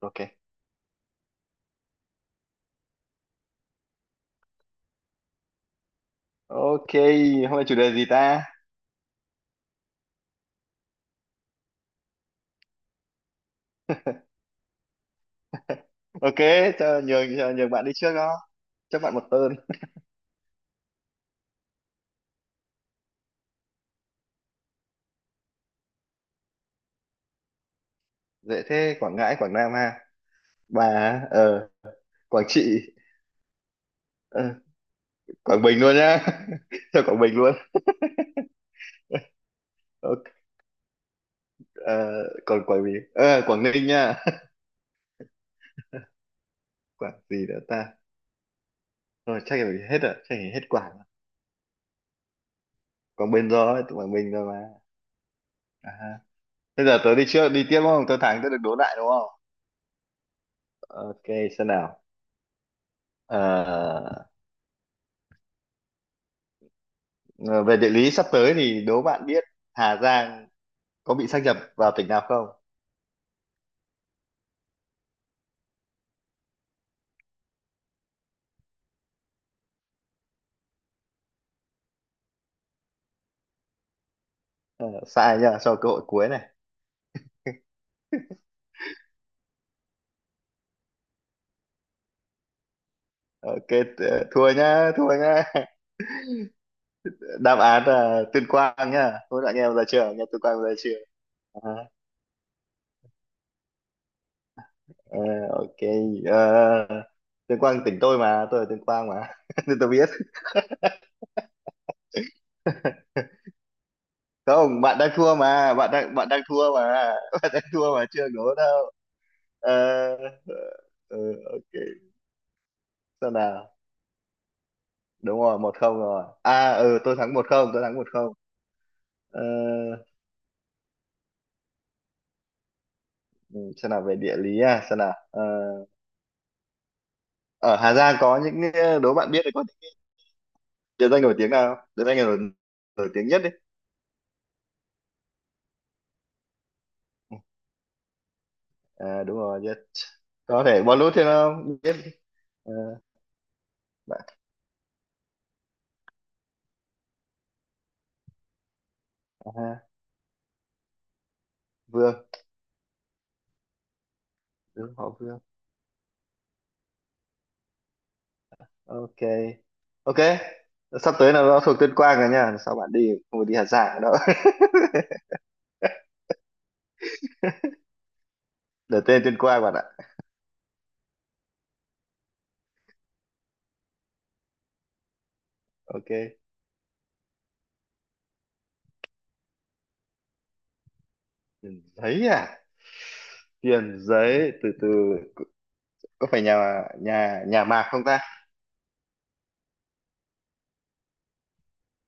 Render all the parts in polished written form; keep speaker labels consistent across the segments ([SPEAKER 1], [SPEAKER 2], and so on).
[SPEAKER 1] Ok. Ok, hôm nay chủ đề gì ta? Ok, cho nhường bạn đi trước đó, cho bạn một tên. Dễ thế, Quảng Ngãi, Quảng Nam ha. Bà á? Ờ Quảng Trị. ờ, Quảng Bình luôn nhá. Cho Quảng Bình luôn. Ok. ờ, Còn Quảng Bình, Quảng Ninh nha. Quảng gì nữa ta? Rồi chắc là hết rồi, chắc là hết Quảng. Quảng Bình rồi, tụi Quảng Bình rồi mà. À, ha. Thế giờ tớ đi trước, đi tiếp đúng không? Tớ thắng, tớ được đố lại đúng không? Ok, xem nào. Ờ, Ờ, Về địa lý sắp tới thì đố bạn biết Hà Giang có bị sáp nhập vào tỉnh nào không? Ờ, Sai nhá, cho cơ hội cuối này. Ok, thua nhá, thua nhá. Đáp án là Tuyên Quang nhá. Thôi anh em ra chưa? Nghe Tuyên Quang ra chưa? À, ờ, ok. ờ, Tuyên Quang tỉnh tôi mà, tôi ở Tuyên Quang mà. Nên tôi biết. Không, bạn đang thua mà, bạn đang thua mà. Bạn đang thua mà chưa đố đâu. Ờ, ờ, ờ, ok. Sao nào? Đúng rồi, một không rồi à. Ừ, tôi thắng một không, tôi thắng một không. ờ, ừ, xem nào, về địa lý. À, xem nào, ở Hà Giang có những, đố bạn biết thì có địa danh nổi tiếng nào không? Địa danh nào nổi, nổi tiếng nhất đi. À, đúng rồi, yes. Có thể bón lút thì nó biết đi. Ờ, Bạn, à, Vương, đúng họ Vương. Ok. Ok, sắp tới là nó thuộc Tuyên Quang rồi nha, sao bạn đi không phải đi Hà Giang đâu. Để tên Tuyên Quang bạn ạ. Ok. Tiền giấy à? Tiền giấy, từ từ, có phải nhà nhà nhà Mạc không ta?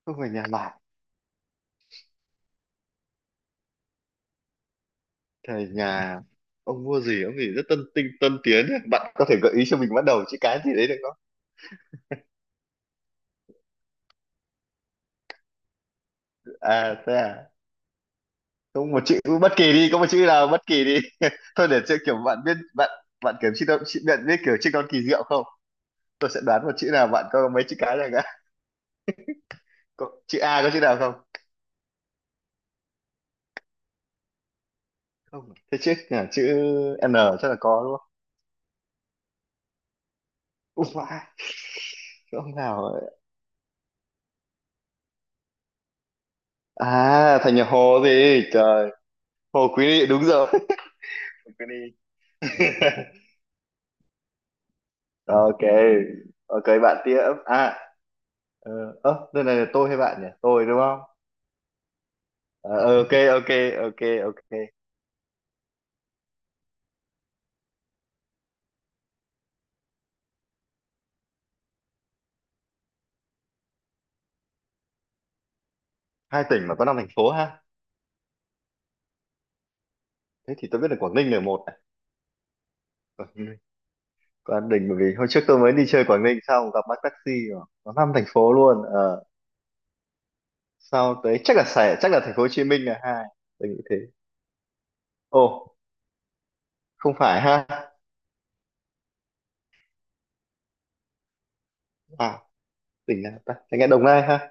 [SPEAKER 1] Không phải nhà Mạc. Thời nhà ông mua gì, ông gì rất tân tiến ấy. Bạn có thể gợi ý cho mình bắt đầu chữ cái gì đấy được không? À thế à? Không, một chữ bất kỳ đi, có một chữ nào bất kỳ đi. Thôi để chơi kiểu bạn biết, bạn bạn kiểu chữ chữ bạn biết kiểu chữ con kỳ diệu không? Tôi sẽ đoán một chữ nào, bạn có mấy chữ cái này cả. Có chữ A, có chữ nào không? Không, thế chữ, à, chữ N chắc là có đúng không? Ui, vãi, chữ ông nào ấy. À thành nhà Hồ gì trời. Hồ Quý Ly đúng rồi. Hồ Quý Ly. Ok. Ok, bạn tiếp. À, ờ ơ, đây này là tôi hay bạn nhỉ? Tôi đúng không? Ờ, ok ok ok ok. Hai tỉnh mà có năm thành phố ha. Thế thì tôi biết là Quảng Ninh là một này. Quảng Ninh. Quảng Ninh, bởi vì hồi trước tôi mới đi chơi Quảng Ninh xong gặp bác taxi mà có năm thành phố luôn. Ờ Sau tới chắc là Sài, chắc là thành phố Hồ Chí Minh là hai. Tôi nghĩ thế. Ồ, không phải ha. À, tỉnh nào ta? Tôi nghe Đồng Nai ha.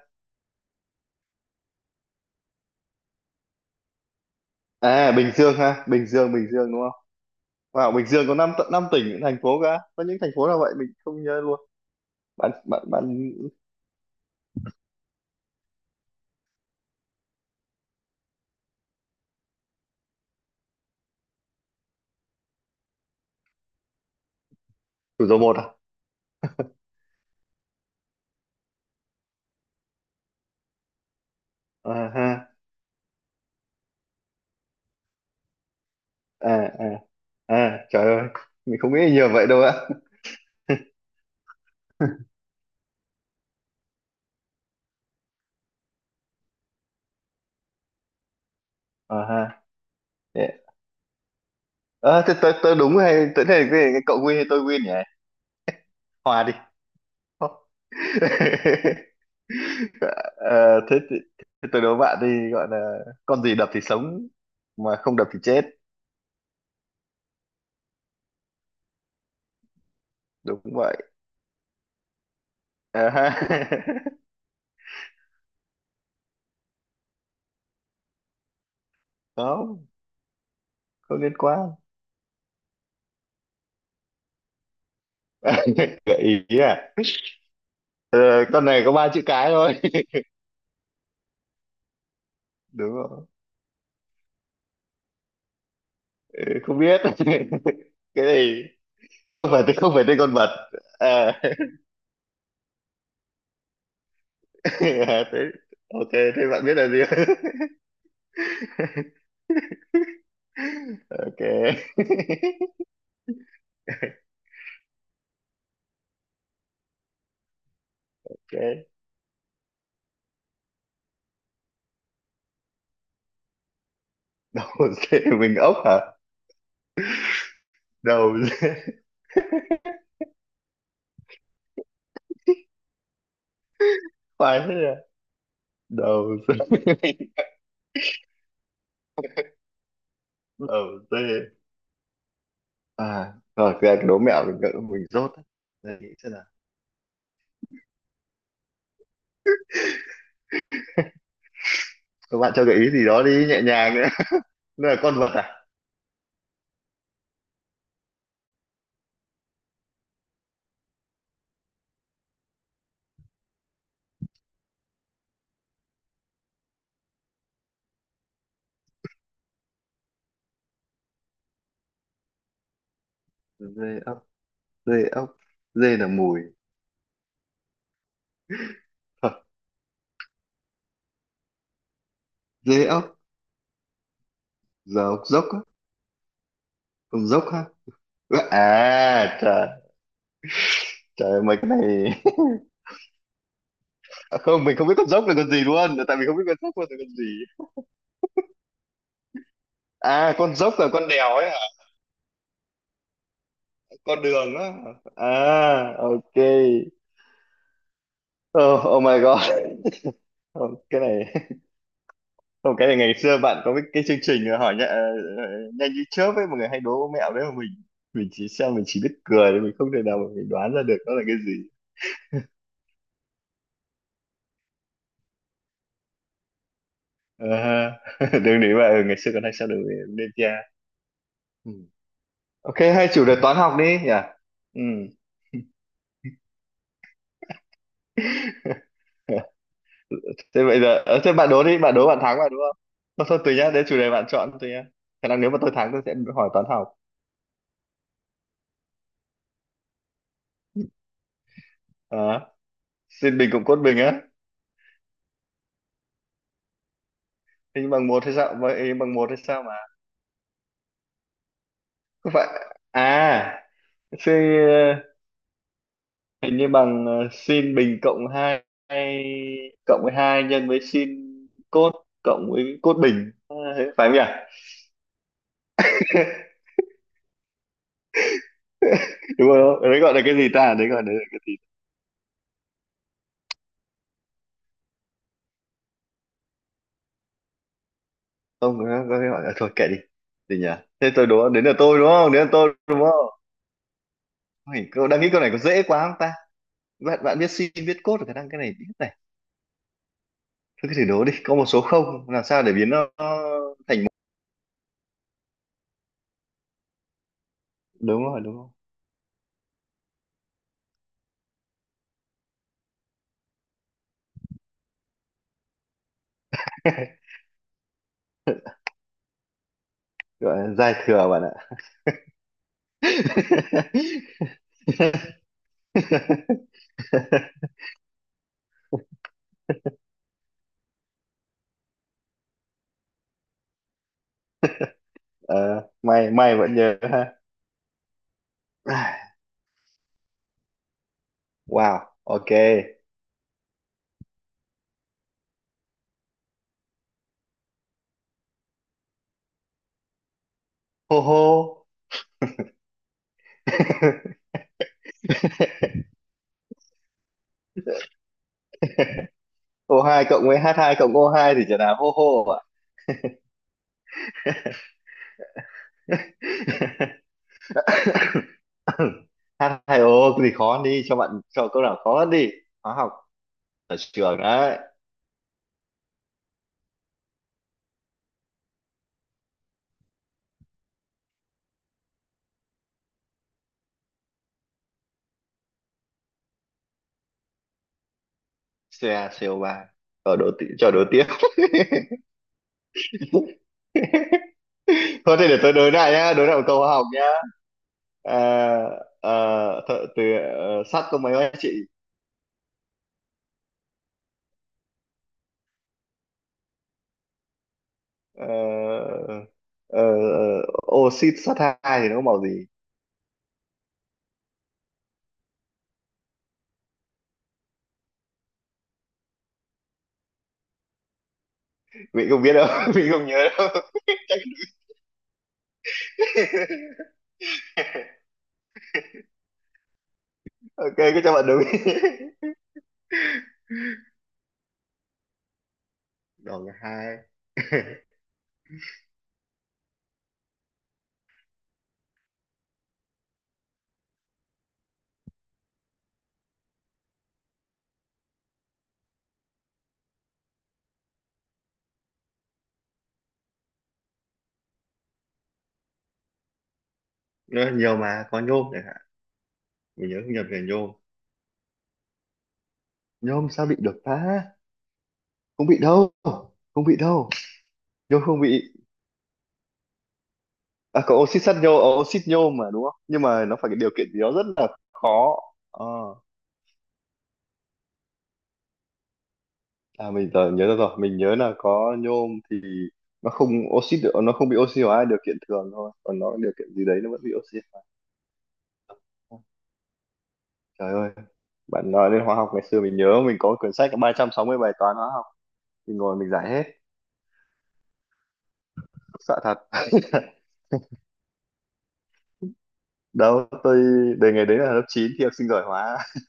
[SPEAKER 1] À Bình Dương ha, Bình Dương, Bình Dương đúng. Wow, Bình Dương có năm, tận năm tỉnh thành phố cả. Có những thành phố nào vậy? Mình không nhớ luôn. Bạn bạn Bạn, thủ dầu một à? À ha. À à, à trời ơi. Mình không nghĩ nhiều vậy đâu á. À ha. Thế, à, thế tôi đúng hay tôi, thế cái cậu win hay tôi win nhỉ? Hòa đi. Ờ, thế, thì, thế tôi đố bạn đi, gọi là con gì đập thì sống mà không đập thì chết. Đúng vậy. À ha. Không, không liên quan. Gợi ý à? Ờ, con này có ba chữ cái thôi. Đúng rồi. Ừ, không biết cái này. Không phải, không phải tên con vật. À, à, thế, ok thế bạn biết là gì? Ok. Ok, đầu dê mình ốc hả? Đầu dê. Khoai thế à? Đầu dê. Đầu dê. À rồi cái đố mẹo mình gợi mình rốt đấy. Để nghĩ xem nào. Các bạn cho gợi ý gì đó đi, nhẹ nhàng nữa. Nó là con vật à? Dê ốc. Dê ốc. Dê là mùi. Dê ốc, giờ ốc dốc á, ông dốc ha. À trời, trời ơi, mấy cái này. Không, mình không biết con dốc là con gì luôn, tại mình không biết con dốc là con gì. À con dốc là con đèo ấy hả? Con đường á. À, ok. Oh, oh my god. Oh, cái này. Không cái này ngày xưa bạn có cái chương trình hỏi nhá, nhanh như chớp ấy, mọi người hay đố mẹo đấy mà mình chỉ xem mình chỉ biết cười thôi, mình không thể nào mà mình đoán ra được nó là cái gì. À, đường đấy mà, ừ, ngày xưa còn hay xem đường đêm kia. Ok, hay chủ đề toán học đi nhỉ? Ừ. Thế bây giờ, thế bạn đố đi, bạn đố, bạn thắng mà đúng không? Thôi, thôi tùy nhá, để chủ đề bạn chọn tùy nhá. Khả năng nếu mà tôi thắng tôi sẽ hỏi toán học. Ờ, xin bình cộng cốt bình á. Hình bằng một hay sao? Vậy hình bằng một hay sao mà? Không phải. À, xin, ờ, hình như bằng, sin bình cộng hai, cộng với 2 nhân với sin cốt cộng với cốt bình. Ờ, phải không nhỉ? Đúng không? Đấy gọi là cái gì ta? Đấy gọi là cái gì? Không có, có cái hỏi à, thôi kệ đi. Gì nhỉ? Thế tôi đố đến là tôi đúng không, đến là tôi đúng không. Ôi, câu đang nghĩ, câu này có dễ quá không ta? Bạn bạn biết sin biết cos rồi, khả năng cái này biết này. Thôi cứ thử đố đi, có một số không làm sao để biến nó thành một? Đúng rồi, đúng không? Gọi là giai thừa bạn ạ. Ờ, may may vẫn nhớ ha. À, wow ok. Hô hô. O hai cộng với h hai cộng o hai thì trở là hô. Hô ạ. H2O. Cái gì khó đi, cho bạn, cho câu nào khó hơn đi. Hóa học ở trường đấy. CaCO3, cho đố tiếp. Thôi thì để tôi đối lại nhá, đối lại một câu hóa học nhá. À, à, từ, sắt có mấy anh chị. Ờ, ờ, ờ, Oxit sắt hai thì nó có màu gì? Vị không biết đâu. Vị không nhớ đâu. Ok cứ cho bạn đúng. Đòn hai. Ờ, nhiều mà, có nhôm chẳng hạn, mình nhớ không nhầm về nhôm. Nhôm sao bị được ta? Không bị đâu. Không bị đâu. Nhôm không bị. À có oxit sắt nhôm, oxit nhôm mà đúng không, nhưng mà nó phải cái điều kiện gì đó rất là khó. Ờ, à mình giờ nhớ ra rồi, mình nhớ là có nhôm thì nó không oxit được, nó không bị oxy hóa điều kiện thường thôi, còn nó điều kiện gì đấy nó vẫn bị oxy hóa. Trời ơi, bạn nói đến hóa học ngày xưa mình nhớ mình có quyển sách có 360 bài toán hóa học. Mình ngồi mình giải hết. Sợ thật. Đâu tôi, đề ngày đấy là lớp 9 thi học sinh giỏi hóa.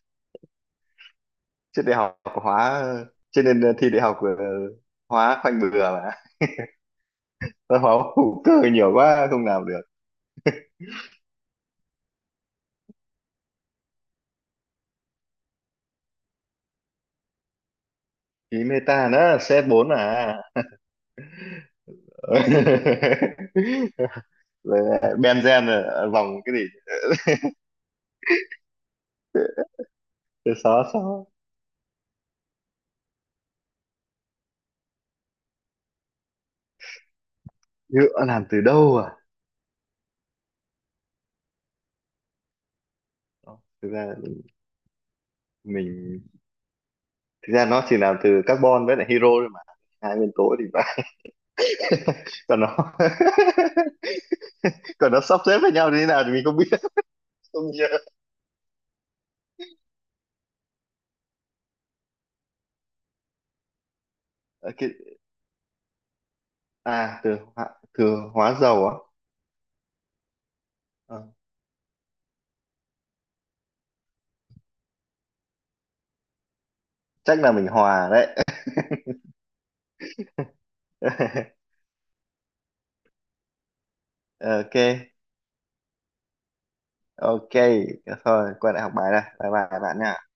[SPEAKER 1] Trên đại học hóa, cho nên thi đại học, hóa khoanh bừa mà. Tôi hóa hữu cơ nhiều quá không làm được. Ý meta nó c bốn à? Rồi lại benzen là vòng cái gì. Thế xó xó, nhựa làm từ đâu à? Thực ra mình, thực ra nó chỉ làm từ carbon với lại hydro thôi mà, hai nguyên tố thì phải. Còn nó còn nó sắp xếp với nhau như thế nào thì mình không biết, không nhớ. Ok, à hóa, từ hóa dầu á. Ờ, chắc là mình hòa đấy. Ok. Ok, thôi quay lại học bài đây, bye bye các bạn nha.